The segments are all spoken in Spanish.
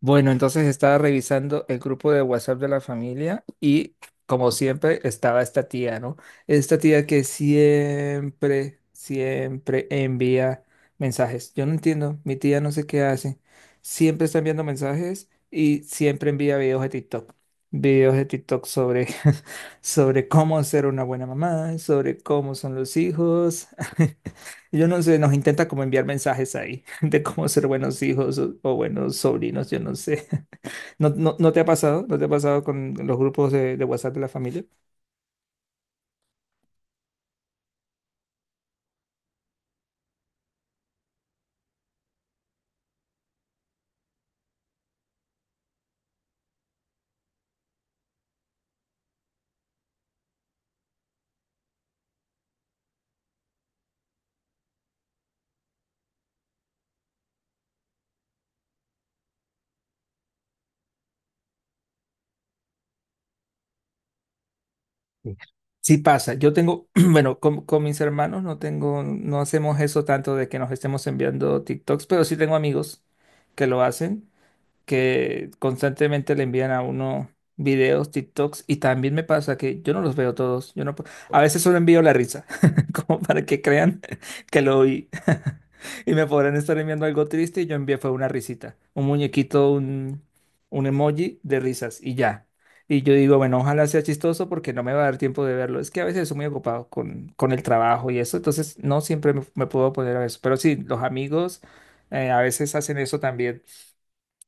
Bueno, entonces estaba revisando el grupo de WhatsApp de la familia y como siempre estaba esta tía, ¿no? Esta tía que siempre, siempre envía mensajes. Yo no entiendo, mi tía no sé qué hace. Siempre está enviando mensajes y siempre envía videos de TikTok. Videos de TikTok sobre, sobre cómo ser una buena mamá, sobre cómo son los hijos. Yo no sé, nos intenta como enviar mensajes ahí de cómo ser buenos hijos o buenos sobrinos, yo no sé. ¿No, te ha pasado? ¿No te ha pasado con los grupos de WhatsApp de la familia? Sí pasa. Yo tengo, bueno, con mis hermanos no tengo, no hacemos eso tanto de que nos estemos enviando TikToks, pero sí tengo amigos que lo hacen que constantemente le envían a uno videos, TikToks, y también me pasa que yo no los veo todos, yo no, pu- a veces solo envío la risa, como para que crean que lo oí. Y me podrán estar enviando algo triste y yo envié fue una risita, un muñequito, un emoji de risas y ya. Y yo digo, bueno, ojalá sea chistoso porque no me va a dar tiempo de verlo. Es que a veces estoy muy ocupado con el trabajo y eso, entonces no siempre me puedo poner a eso. Pero sí, los amigos a veces hacen eso también.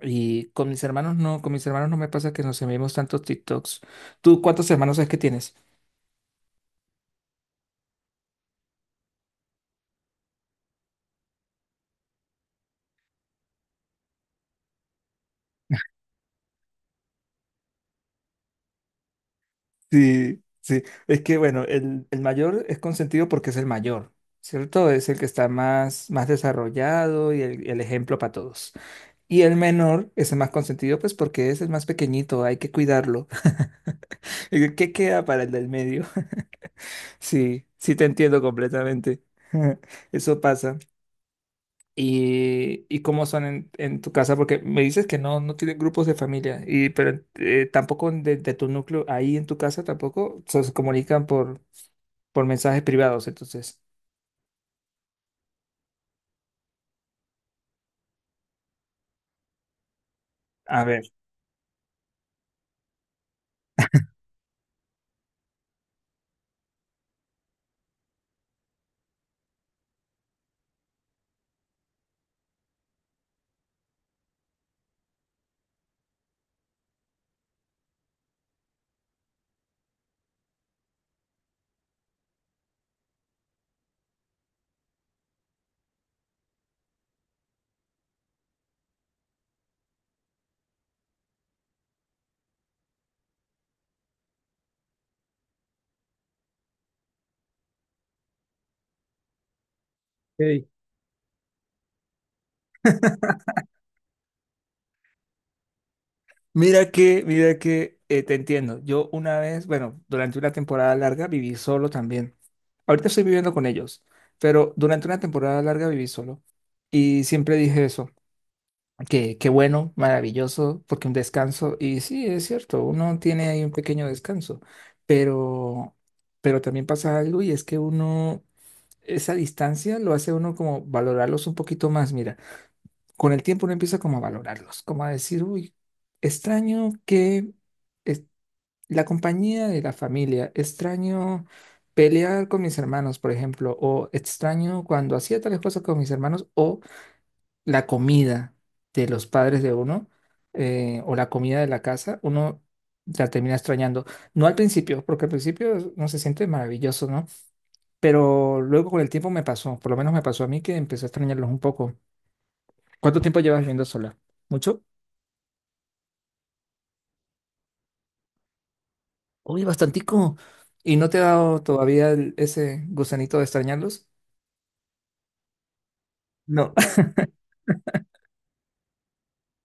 Y con mis hermanos no, con mis hermanos no me pasa que nos enviemos tantos TikToks. ¿Tú cuántos hermanos es que tienes? Sí, sí. Es que bueno, el mayor es consentido porque es el mayor, ¿cierto? Es el que está más, más desarrollado y el ejemplo para todos. Y el menor es el más consentido, pues porque es el más pequeñito, hay que cuidarlo. ¿Qué queda para el del medio? Sí, sí te entiendo completamente. Eso pasa. ¿Y cómo son en tu casa? Porque me dices que no, no tienen grupos de familia, y, pero tampoco de tu núcleo, ahí en tu casa tampoco se se comunican por mensajes privados. Entonces, a ver. Ey, Mira que, te entiendo. Yo una vez, bueno, durante una temporada larga viví solo también. Ahorita estoy viviendo con ellos, pero durante una temporada larga viví solo. Y siempre dije eso. Qué, qué bueno, maravilloso, porque un descanso, y sí, es cierto, uno tiene ahí un pequeño descanso, pero, pero también pasa algo y es que uno, esa distancia lo hace a uno como valorarlos un poquito más, mira, con el tiempo uno empieza como a valorarlos, como a decir, uy, extraño que es- la compañía de la familia, extraño pelear con mis hermanos, por ejemplo, o extraño cuando hacía tales cosas con mis hermanos, o la comida de los padres de uno o la comida de la casa, uno la termina extrañando. No al principio, porque uno se siente maravilloso, ¿no? Pero luego con el tiempo me pasó, por lo menos me pasó a mí que empecé a extrañarlos un poco. ¿Cuánto tiempo llevas viviendo sola? ¿Mucho? Uy, bastantico. ¿Y no te ha dado todavía ese gusanito de extrañarlos? No.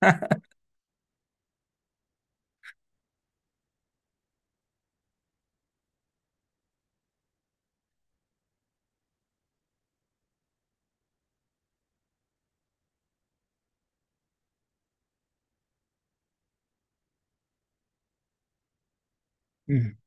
Mm,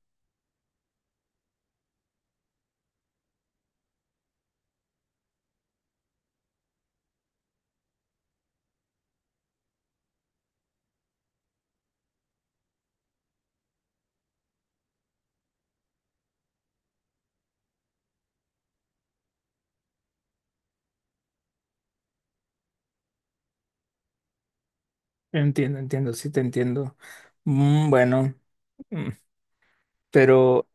Entiendo, entiendo, sí te entiendo. Mm, bueno, mm, pero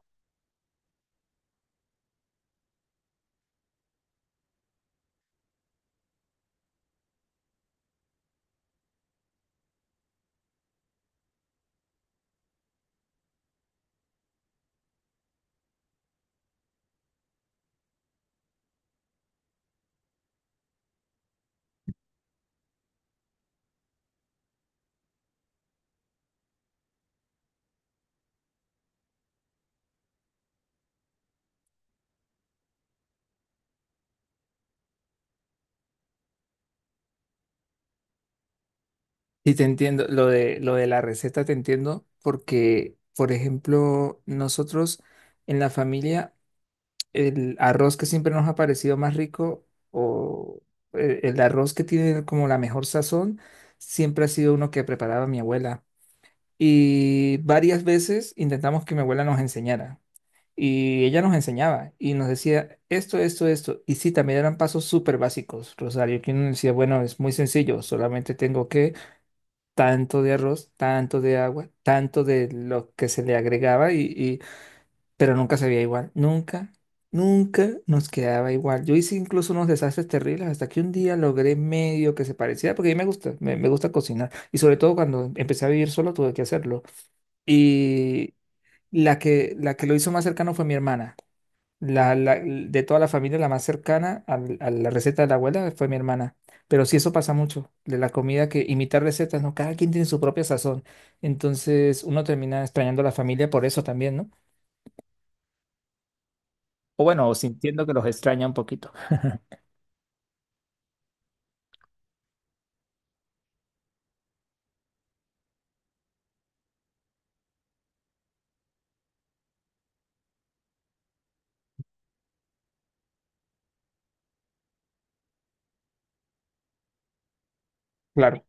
Y te entiendo, lo lo de la receta te entiendo porque, por ejemplo, nosotros en la familia, el arroz que siempre nos ha parecido más rico o el arroz que tiene como la mejor sazón, siempre ha sido uno que preparaba mi abuela. Y varias veces intentamos que mi abuela nos enseñara. Y ella nos enseñaba y nos decía esto, esto, esto. Y sí, también eran pasos súper básicos, Rosario, que uno decía, bueno, es muy sencillo, solamente tengo que tanto de arroz, tanto de agua, tanto de lo que se le agregaba, pero nunca sabía igual, nunca, nunca nos quedaba igual. Yo hice incluso unos desastres terribles hasta que un día logré medio que se pareciera, porque a mí me gusta, me gusta cocinar, y sobre todo cuando empecé a vivir solo tuve que hacerlo. Y la que lo hizo más cercano fue mi hermana. De toda la familia, la más cercana a la receta de la abuela fue mi hermana. Pero sí, eso pasa mucho, de la comida que imitar recetas, ¿no? Cada quien tiene su propia sazón. Entonces uno termina extrañando a la familia por eso también, ¿no? O bueno, o sintiendo que los extraña un poquito. Claro,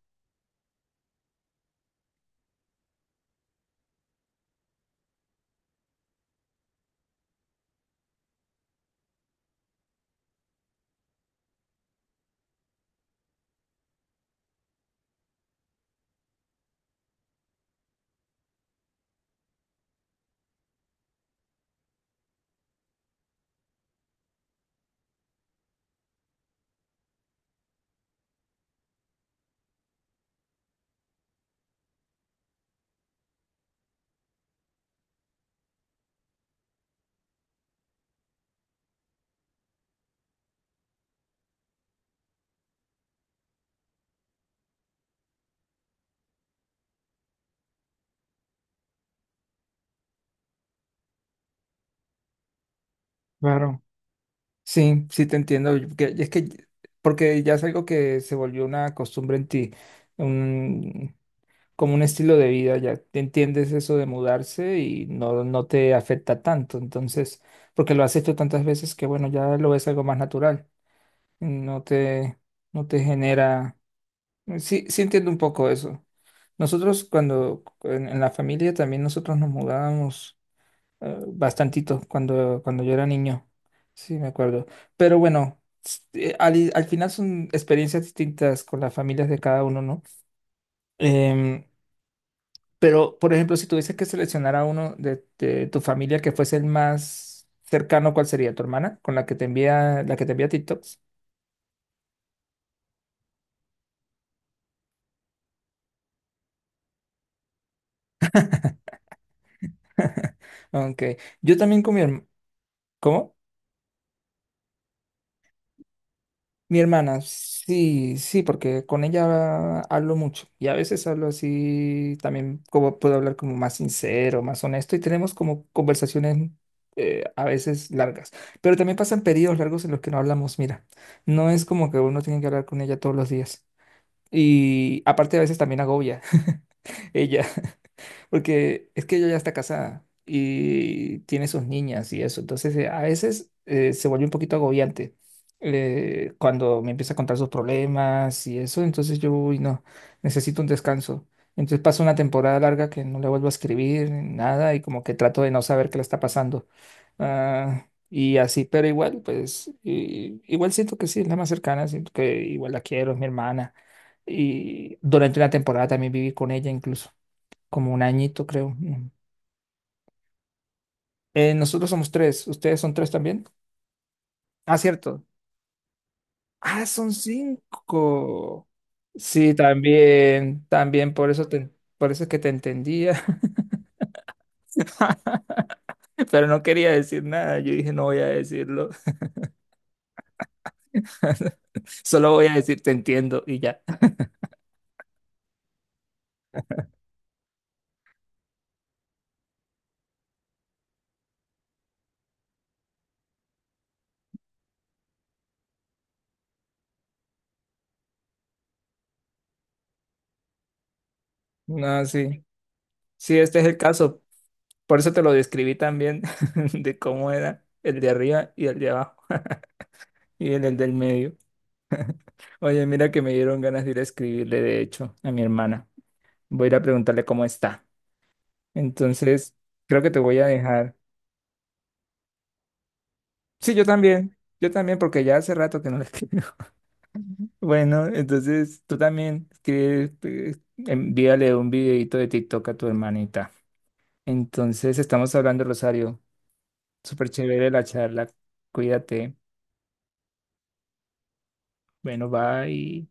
claro. Sí, sí te entiendo. Es que, porque ya es algo que se volvió una costumbre en ti. Como un estilo de vida, ya te entiendes eso de mudarse y no, no te afecta tanto. Entonces, porque lo has hecho tantas veces que bueno, ya lo ves algo más natural. No te, no te genera. Sí, sí entiendo un poco eso. Nosotros cuando en la familia también nosotros nos mudábamos bastantito cuando yo era niño. Sí, me acuerdo. Pero bueno, al final son experiencias distintas con las familias de cada uno, ¿no? Em, pero, por ejemplo, si tuviese que seleccionar a uno de tu familia que fuese el más cercano, ¿cuál sería? ¿Tu hermana? Con la que te envía, la que te envía TikToks. Aunque yo también con mi hermana. ¿Cómo? Mi hermana. Sí, sí, porque con ella hablo mucho. Y a veces hablo así también, como puedo hablar como más sincero, más honesto. Y tenemos como conversaciones a veces largas. Pero también pasan periodos largos en los que no hablamos. Mira, no es como que uno tiene que hablar con ella todos los días. Y aparte a veces también agobia ella. Porque es que ella ya está casada y tiene sus niñas y eso. Entonces, a veces se vuelve un poquito agobiante cuando me empieza a contar sus problemas y eso. Entonces yo, uy, no, necesito un descanso. Entonces paso una temporada larga que no le vuelvo a escribir, nada, y como que trato de no saber qué le está pasando. Ah, y así, pero igual, pues, igual siento que sí, es la más cercana, siento que igual la quiero, es mi hermana. Y durante una temporada también viví con ella incluso como un añito, creo. Mm. Nosotros somos tres. ¿Ustedes son tres también? Ah, cierto. Ah, son cinco. Sí, también, también, por eso es que te entendía. Pero no quería decir nada. Yo dije, no voy a decirlo. Solo voy a decir, te entiendo y ya. No, sí. Sí, este es el caso. Por eso te lo describí también, de cómo era el de arriba y el de abajo y el del medio. Oye, mira que me dieron ganas de ir a escribirle, de hecho, a mi hermana. Voy a ir a preguntarle cómo está. Entonces, creo que te voy a dejar. Sí, yo también. Yo también, porque ya hace rato que no le escribo. Bueno, entonces tú también escribe, envíale un videito de TikTok a tu hermanita. Entonces, estamos hablando, Rosario. Súper chévere la charla. Cuídate. Bueno, bye.